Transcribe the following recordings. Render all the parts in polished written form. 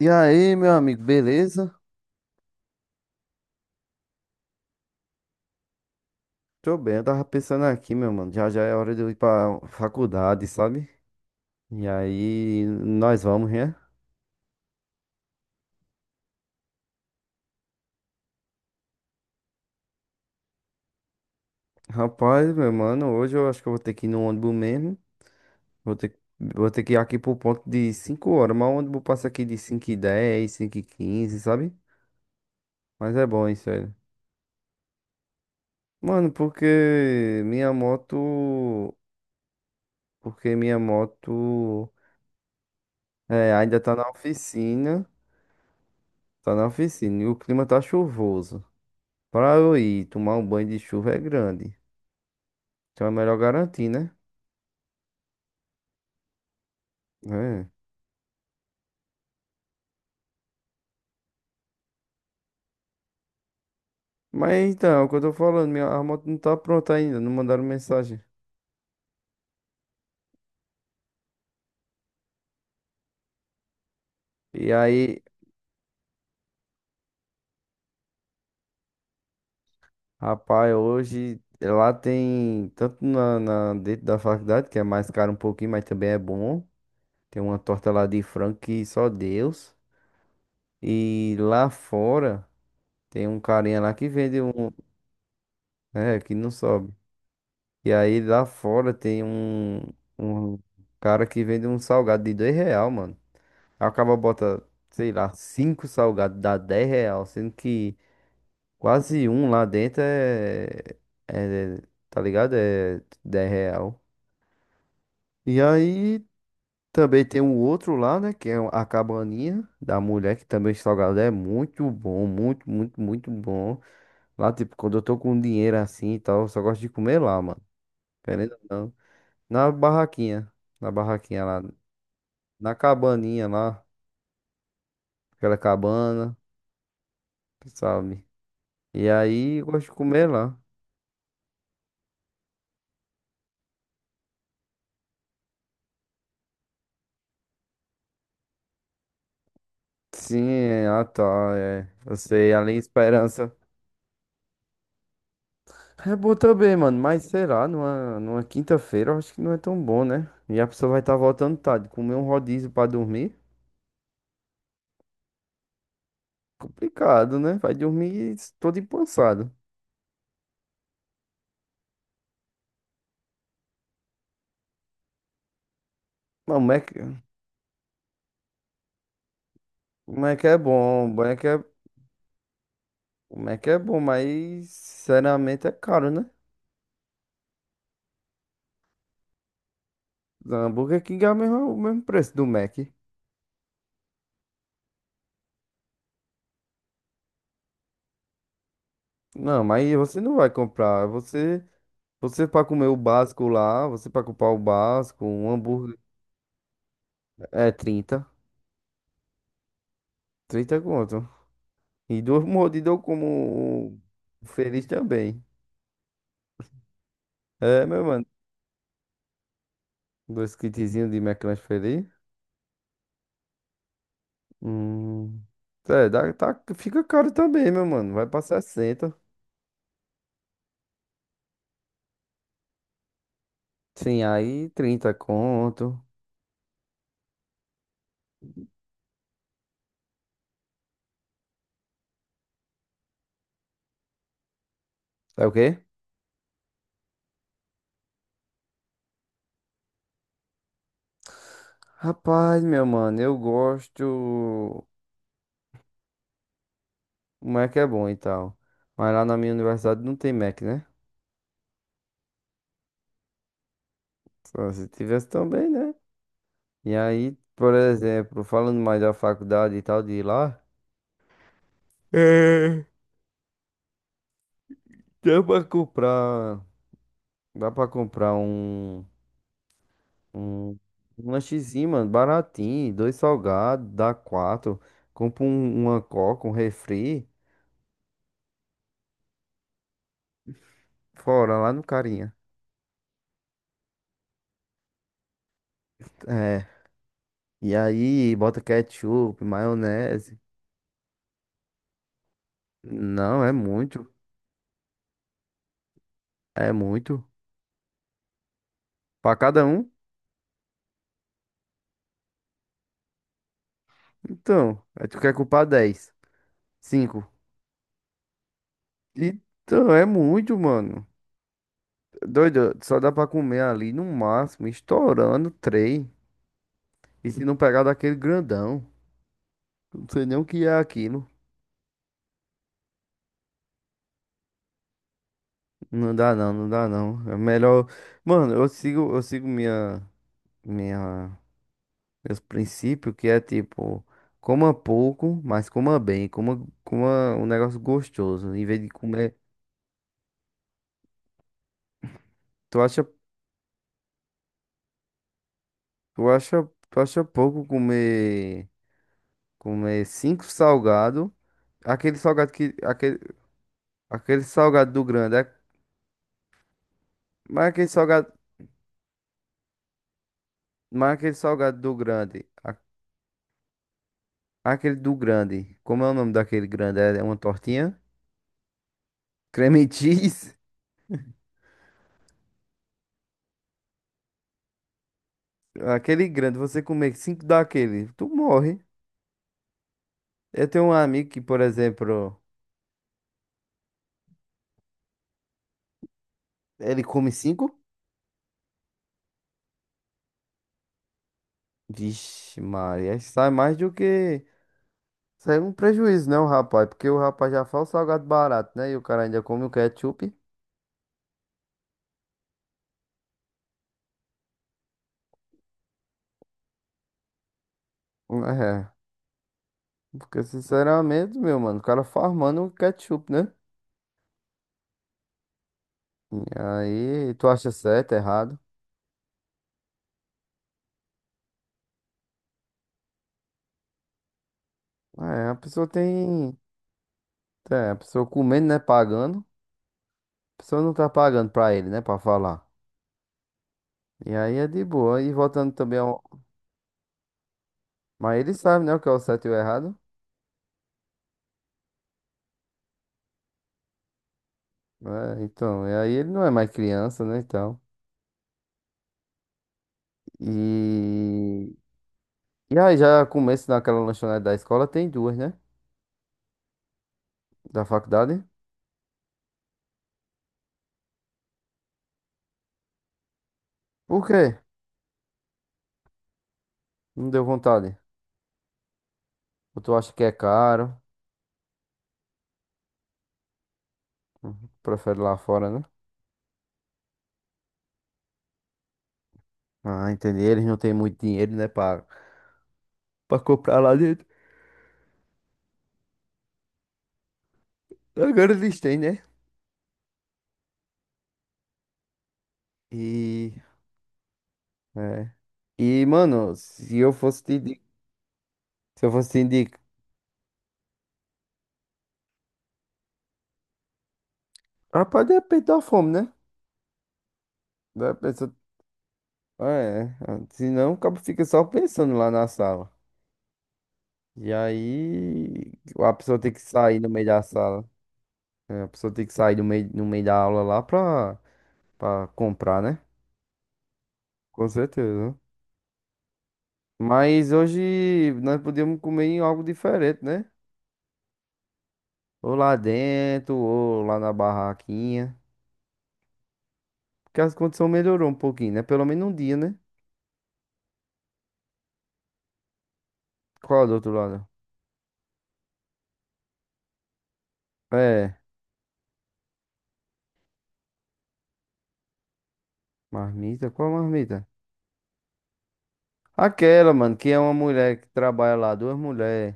E aí, meu amigo, beleza? Tô bem, eu tava pensando aqui, meu mano. Já já é hora de eu ir pra faculdade, sabe? E aí, nós vamos, né? Rapaz, meu mano, hoje eu acho que eu vou ter que ir no ônibus mesmo. Vou ter, vou ter que ir aqui pro ponto de 5h, mas o ônibus passa aqui de 5h10, 5h15, sabe? Mas é bom isso aí. Mano, porque minha moto é, ainda tá na oficina. Tá na oficina e o clima tá chuvoso. Pra eu ir tomar um banho de chuva é grande. Então é melhor garantir, né? É. Mas então, é o que eu tô falando, minha a moto não tá pronta ainda, não mandaram mensagem. E aí, rapaz, hoje lá tem, tanto dentro da faculdade, que é mais caro um pouquinho, mas também é bom. Tem uma torta lá de frango que só Deus. E lá fora tem um carinha lá que vende um, é, que não sobe. E aí lá fora tem um cara que vende um salgado de R$ 2, mano. Aí o cara bota, sei lá, cinco salgados, dá R$ 10, sendo que quase um lá dentro é, tá ligado? É R$ 10. E aí também tem o outro lá, né, que é a cabaninha da mulher, que também o salgado é muito bom, muito, muito, muito bom. Lá, tipo, quando eu tô com dinheiro assim e tal, eu só gosto de comer lá, mano. Querendo ou não. Na barraquinha, na barraquinha lá, na cabaninha lá, aquela cabana, sabe? E aí eu gosto de comer lá. Sim, é, ah tá, é. Eu sei, além esperança. É bom também, mano, mas será lá, numa quinta-feira eu acho que não é tão bom, né? E a pessoa vai estar voltando tarde, comer um rodízio pra dormir, complicado, né? Vai dormir todo empançado. Mas o Mac é bom, o Mac é bom, mas sinceramente é caro, né? O Burger King é o mesmo preço do Mac. Não, mas você não vai comprar, você... Você pra comer o básico lá, você pra comprar o básico, um hambúrguer é 30 conto. E duas mordidas eu como o feliz também. É, meu mano. Dois kitzinhos de McLanche feliz. Hum. É, dá, tá, fica caro também, meu mano. Vai pra 60. Sim, aí 30 conto. É o quê? Rapaz, meu mano, eu gosto. O Mac é bom e tal. Mas lá na minha universidade não tem Mac, né? Só se tivesse também, né? E aí, por exemplo, falando mais da faculdade e tal de ir lá, é, dá pra comprar, dá pra comprar um, um lanchezinho, mano, baratinho, dois salgados, dá quatro, compra uma coca, um refri, fora lá no carinha. É, e aí bota ketchup, maionese. Não, é muito, é muito. Pra cada um? Então, aí tu quer comprar 10 cinco. Então, é muito, mano. Doido, só dá pra comer ali no máximo, estourando três. E se não pegar daquele grandão, não sei nem o que é aquilo. Não dá não, não dá não. É melhor. Mano, eu sigo minha, meus princípios, que é tipo, coma pouco, mas coma bem, coma um negócio gostoso. Em vez de comer, tu acha, tu acha, tu acha pouco comer, cinco salgado, aquele salgado que, aquele, aquele salgado do grande é, mas aquele salgado. Mas aquele salgado do grande. Aquele do grande. Como é o nome daquele grande? É, é uma tortinha? Creme cheese? Aquele grande, você comer cinco daquele, tu morre. Eu tenho um amigo que, por exemplo, ele come cinco? Vixe, Maria, sai mais do que. Sai um prejuízo, né, o rapaz? Porque o rapaz já faz o salgado barato, né? E o cara ainda come o ketchup. É. Porque, sinceramente, meu mano, o cara farmando o ketchup, né? E aí, tu acha certo, errado? É, a pessoa tem. É, a pessoa comendo, né? Pagando. A pessoa não tá pagando pra ele, né? Pra falar. E aí é de boa. E voltando também ao. Mas ele sabe, né? O que é o certo e o errado. Né, então. E aí ele não é mais criança, né? Então. E. E aí já começo naquela lanchonete da escola, tem duas, né? Da faculdade. Por quê? Não deu vontade. Ou tu acha que é caro? Uhum. Prefere lá fora, né? Ah, entendi. Eles não têm muito dinheiro, né? Pra comprar lá dentro. Agora eles têm, né? E. É. E, mano, se eu fosse te indicar, se eu fosse te indicar, rapaz, depende da fome, né? Da pessoa, é, senão o cabo fica só pensando lá na sala. E aí, a pessoa tem que sair no meio da sala. É, a pessoa tem que sair no meio, da aula lá pra, comprar, né? Com certeza. Mas hoje nós podíamos comer em algo diferente, né? Ou lá dentro, ou lá na barraquinha. Porque as condições melhorou um pouquinho, né? Pelo menos um dia, né? Qual é do outro lado? É, marmita, qual marmita? Aquela, mano, que é uma mulher que trabalha lá, duas mulheres,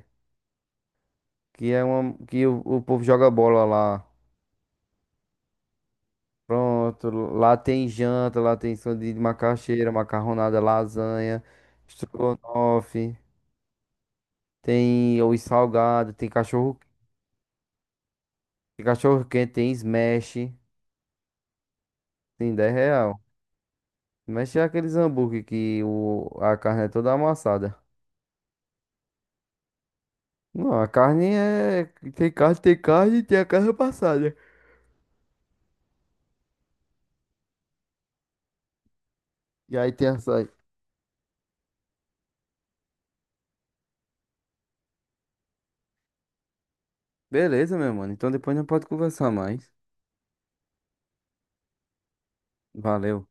que é uma que o povo joga bola lá. Pronto, lá tem janta, lá tem sanduíche de macaxeira, macarronada, lasanha, estrogonofe, tem os salgados, tem cachorro quente, tem smash, tem R$ 10. Smash é aqueles hambúrguer a carne é toda amassada. Não, a carne é. Tem carne e tem a carne passada. E aí tem açaí. Beleza, meu mano. Então depois a gente pode conversar mais. Valeu.